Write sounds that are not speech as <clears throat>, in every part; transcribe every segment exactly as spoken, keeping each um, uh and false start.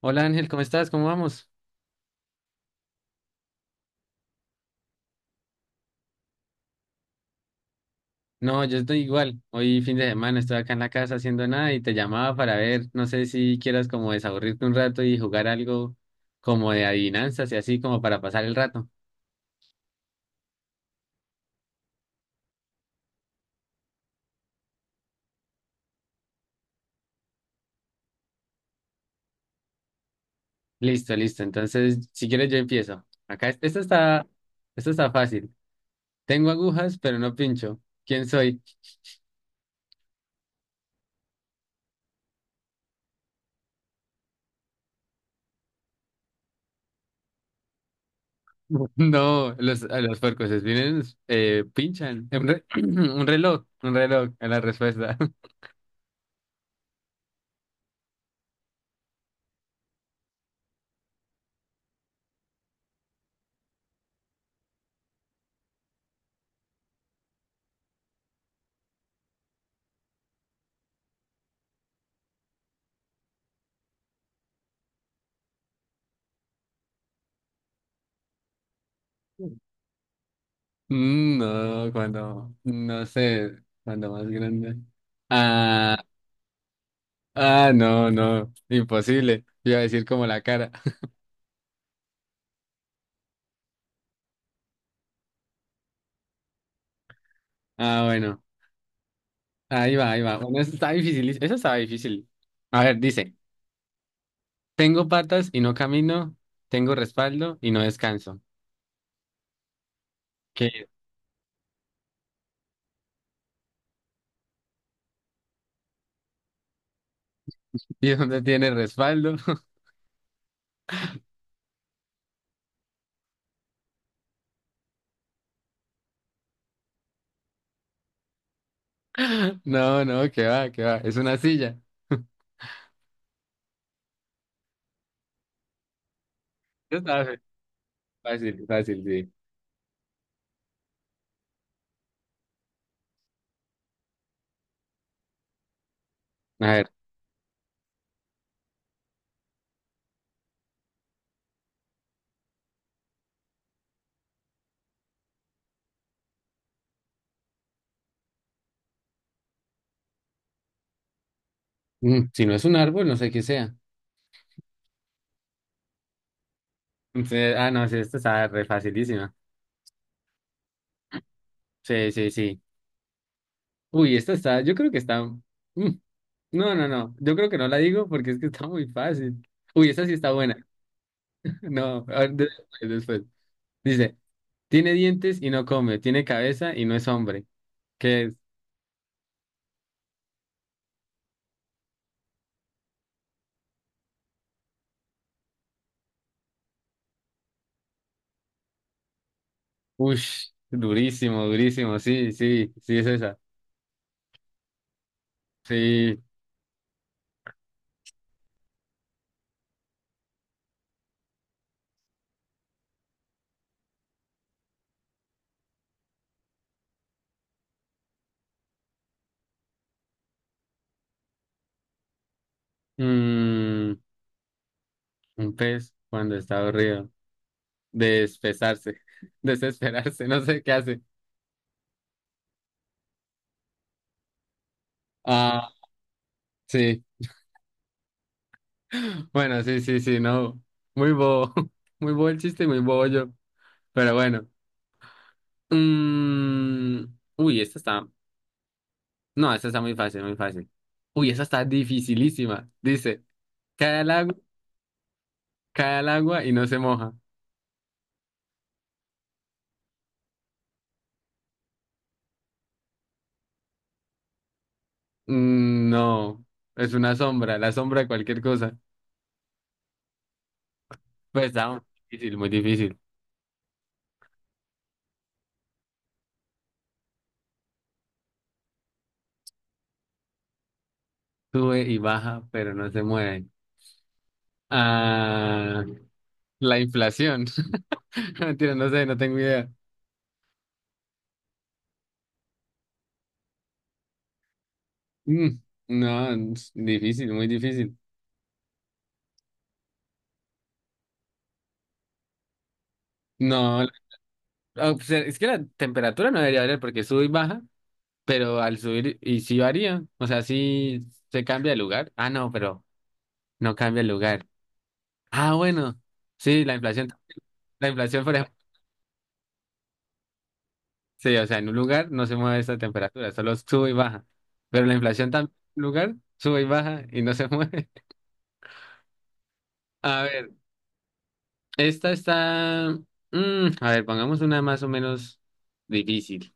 Hola Ángel, ¿cómo estás? ¿Cómo vamos? No, yo estoy igual. Hoy fin de semana estoy acá en la casa haciendo nada y te llamaba para ver, no sé si quieras como desaburrirte un rato y jugar algo como de adivinanzas y así como para pasar el rato. Listo, listo. Entonces, si quieres yo empiezo. Acá es- esto está, esto está fácil. Tengo agujas, pero no pincho. ¿Quién soy? <laughs> No, los, a los puercos espines eh, pinchan. Un, re- <clears throat> un reloj, un reloj, es la respuesta. <laughs> Mm, No, cuando, no sé, cuando más grande. Ah, ah, no, no, imposible. Iba a decir como la cara. <laughs> Ah, bueno, ahí va, ahí va. Bueno, eso está difícil, eso estaba difícil. A ver, dice, tengo patas y no camino, tengo respaldo y no descanso. ¿Qué? <laughs> ¿Y dónde tiene respaldo? <laughs> No, no, que va, que va, es una silla. <laughs> Eso estaba fe- fácil, fácil, sí. A ver, mm, si no es un árbol, no sé qué sea. Entonces, ah, no, sí, esto está re facilísima. Sí, sí, sí. Uy, esta está, yo creo que está. mm, No, no, no. Yo creo que no la digo porque es que está muy fácil. Uy, esta sí está buena. <laughs> No, a ver, después, después. Dice, tiene dientes y no come, tiene cabeza y no es hombre. ¿Qué es, ush, durísimo, durísimo. Sí, sí, sí es esa. Sí. Mm, un pez cuando está aburrido. Despesarse, <laughs> desesperarse, no sé qué hace. Ah, sí. Bueno, sí, sí, sí, no. Muy bobo. <laughs> Muy bobo el chiste y muy bobo yo. Pero bueno. Mm, Uy, esta está. No, esta está muy fácil, muy fácil. Uy, esta está dificilísima. Dice, cae al agua, cae al agua y no se moja. Mm, no, es una sombra, la sombra de cualquier cosa. Pues está muy difícil, muy difícil. Sube y baja, pero no se mueve. Ah, la inflación. <laughs> Mentira, no sé, no tengo idea. Mm, no, es difícil, muy difícil. No, la- ah, o sea, es que la temperatura no debería variar porque sube y baja, pero al subir y sí varía, o sea, sí se cambia de lugar. Ah, no, pero no cambia el lugar. Ah, bueno, sí, la inflación, la inflación, por ejemplo, sí, o sea, en un lugar no se mueve esa temperatura, solo sube y baja, pero la inflación también en un lugar sube y baja y no se mueve. <laughs> A ver, esta está, mm, a ver, pongamos una más o menos difícil.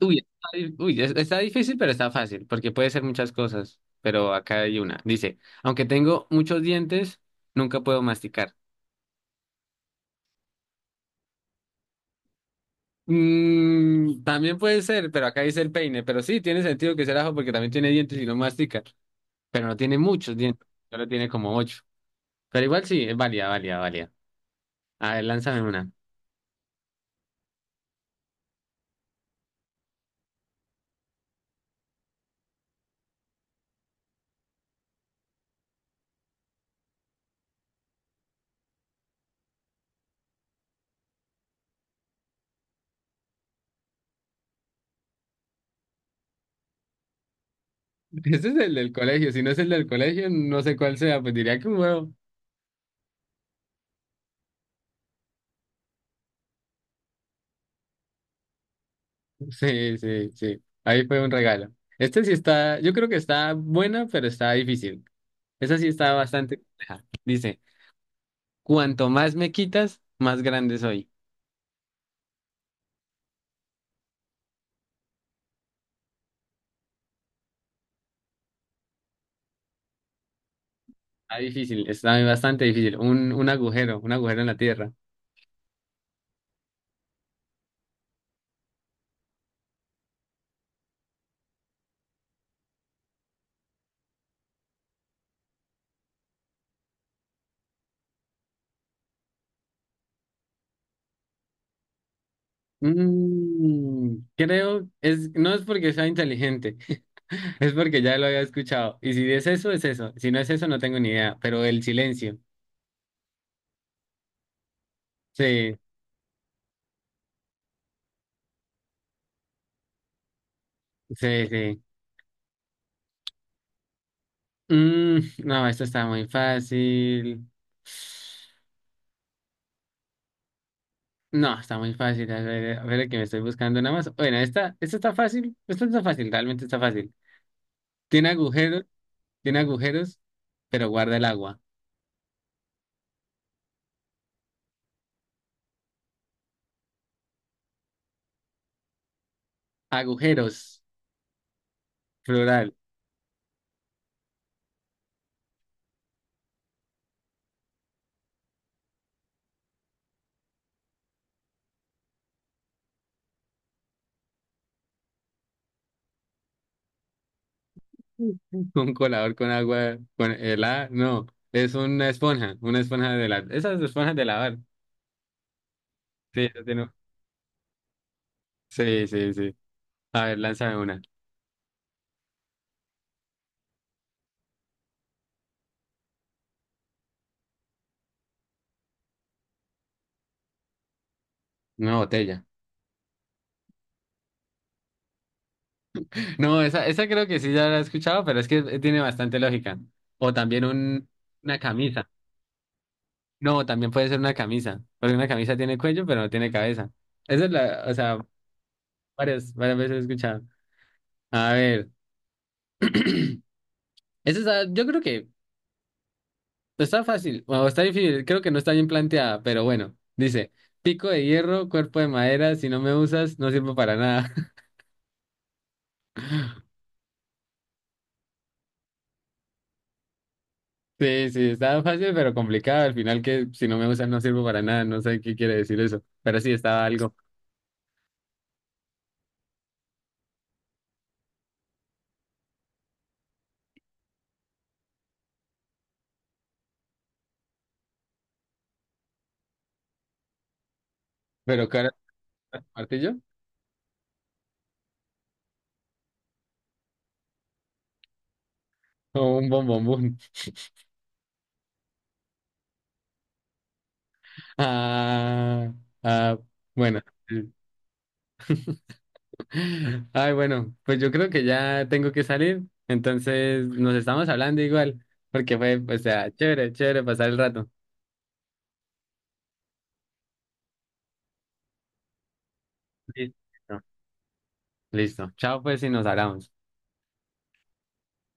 Uy, está, uy, es- está difícil, pero está fácil, porque puede ser muchas cosas, pero acá hay una. Dice, aunque tengo muchos dientes, nunca puedo masticar. Mm, también puede ser, pero acá dice el peine, pero sí, tiene sentido que sea el ajo porque también tiene dientes y no mastica, pero no tiene muchos dientes, solo tiene como ocho. Pero igual sí, es válida, válida, válida. A ver, lánzame una. <laughs> Este es el del colegio, si no es el del colegio, no sé cuál sea, pues diría que un huevo. Sí, sí, sí. Ahí fue un regalo. Este sí está, yo creo que está buena, pero está difícil. Esa sí está bastante compleja. Dice, cuanto más me quitas, más grande soy. Está difícil, está bastante difícil. Un, un agujero, un agujero en la tierra. Mm, creo, es, no es porque sea inteligente, <laughs> es porque ya lo había escuchado. Y si es eso, es eso. Si no es eso, no tengo ni idea. Pero el silencio. Sí, sí, sí. Mm, no, esto está muy fácil. No, está muy fácil. A ver, a ver que me estoy buscando nada más. Bueno, esta, esta está fácil. Esta no está fácil, realmente está fácil. Tiene agujeros, tiene agujeros, pero guarda el agua. Agujeros, plural. <laughs> Un colador con agua, con el A, no. Es una esponja, una esponja de la, esas esponjas de lavar. Sí, esa tiene- Sí, sí, sí. A ver, lánzame una. Una botella. No, esa, esa creo que sí ya la he escuchado, pero es que eh, tiene bastante lógica. O también un, una camisa. No, también puede ser una camisa, porque una camisa tiene cuello, pero no tiene cabeza. Esa es la, o sea, varias, varias veces he escuchado. A ver, eso está, yo creo que está fácil, o está difícil, creo que no está bien planteada, pero bueno, dice, pico de hierro, cuerpo de madera, si no me usas, no sirvo para nada. <laughs> Sí, sí, está fácil, pero complicado. Al final que si no me usas, no sirvo para nada, no sé qué quiere decir eso, pero sí, estaba algo. Pero claro, ¿martillo? ¿O un bombombón? Ah, ah, bueno. Ay, bueno, pues yo creo que ya tengo que salir. Entonces nos estamos hablando igual, porque fue, o sea, chévere, chévere pasar el rato. Listo. Listo. Chao, pues, y nos hablamos.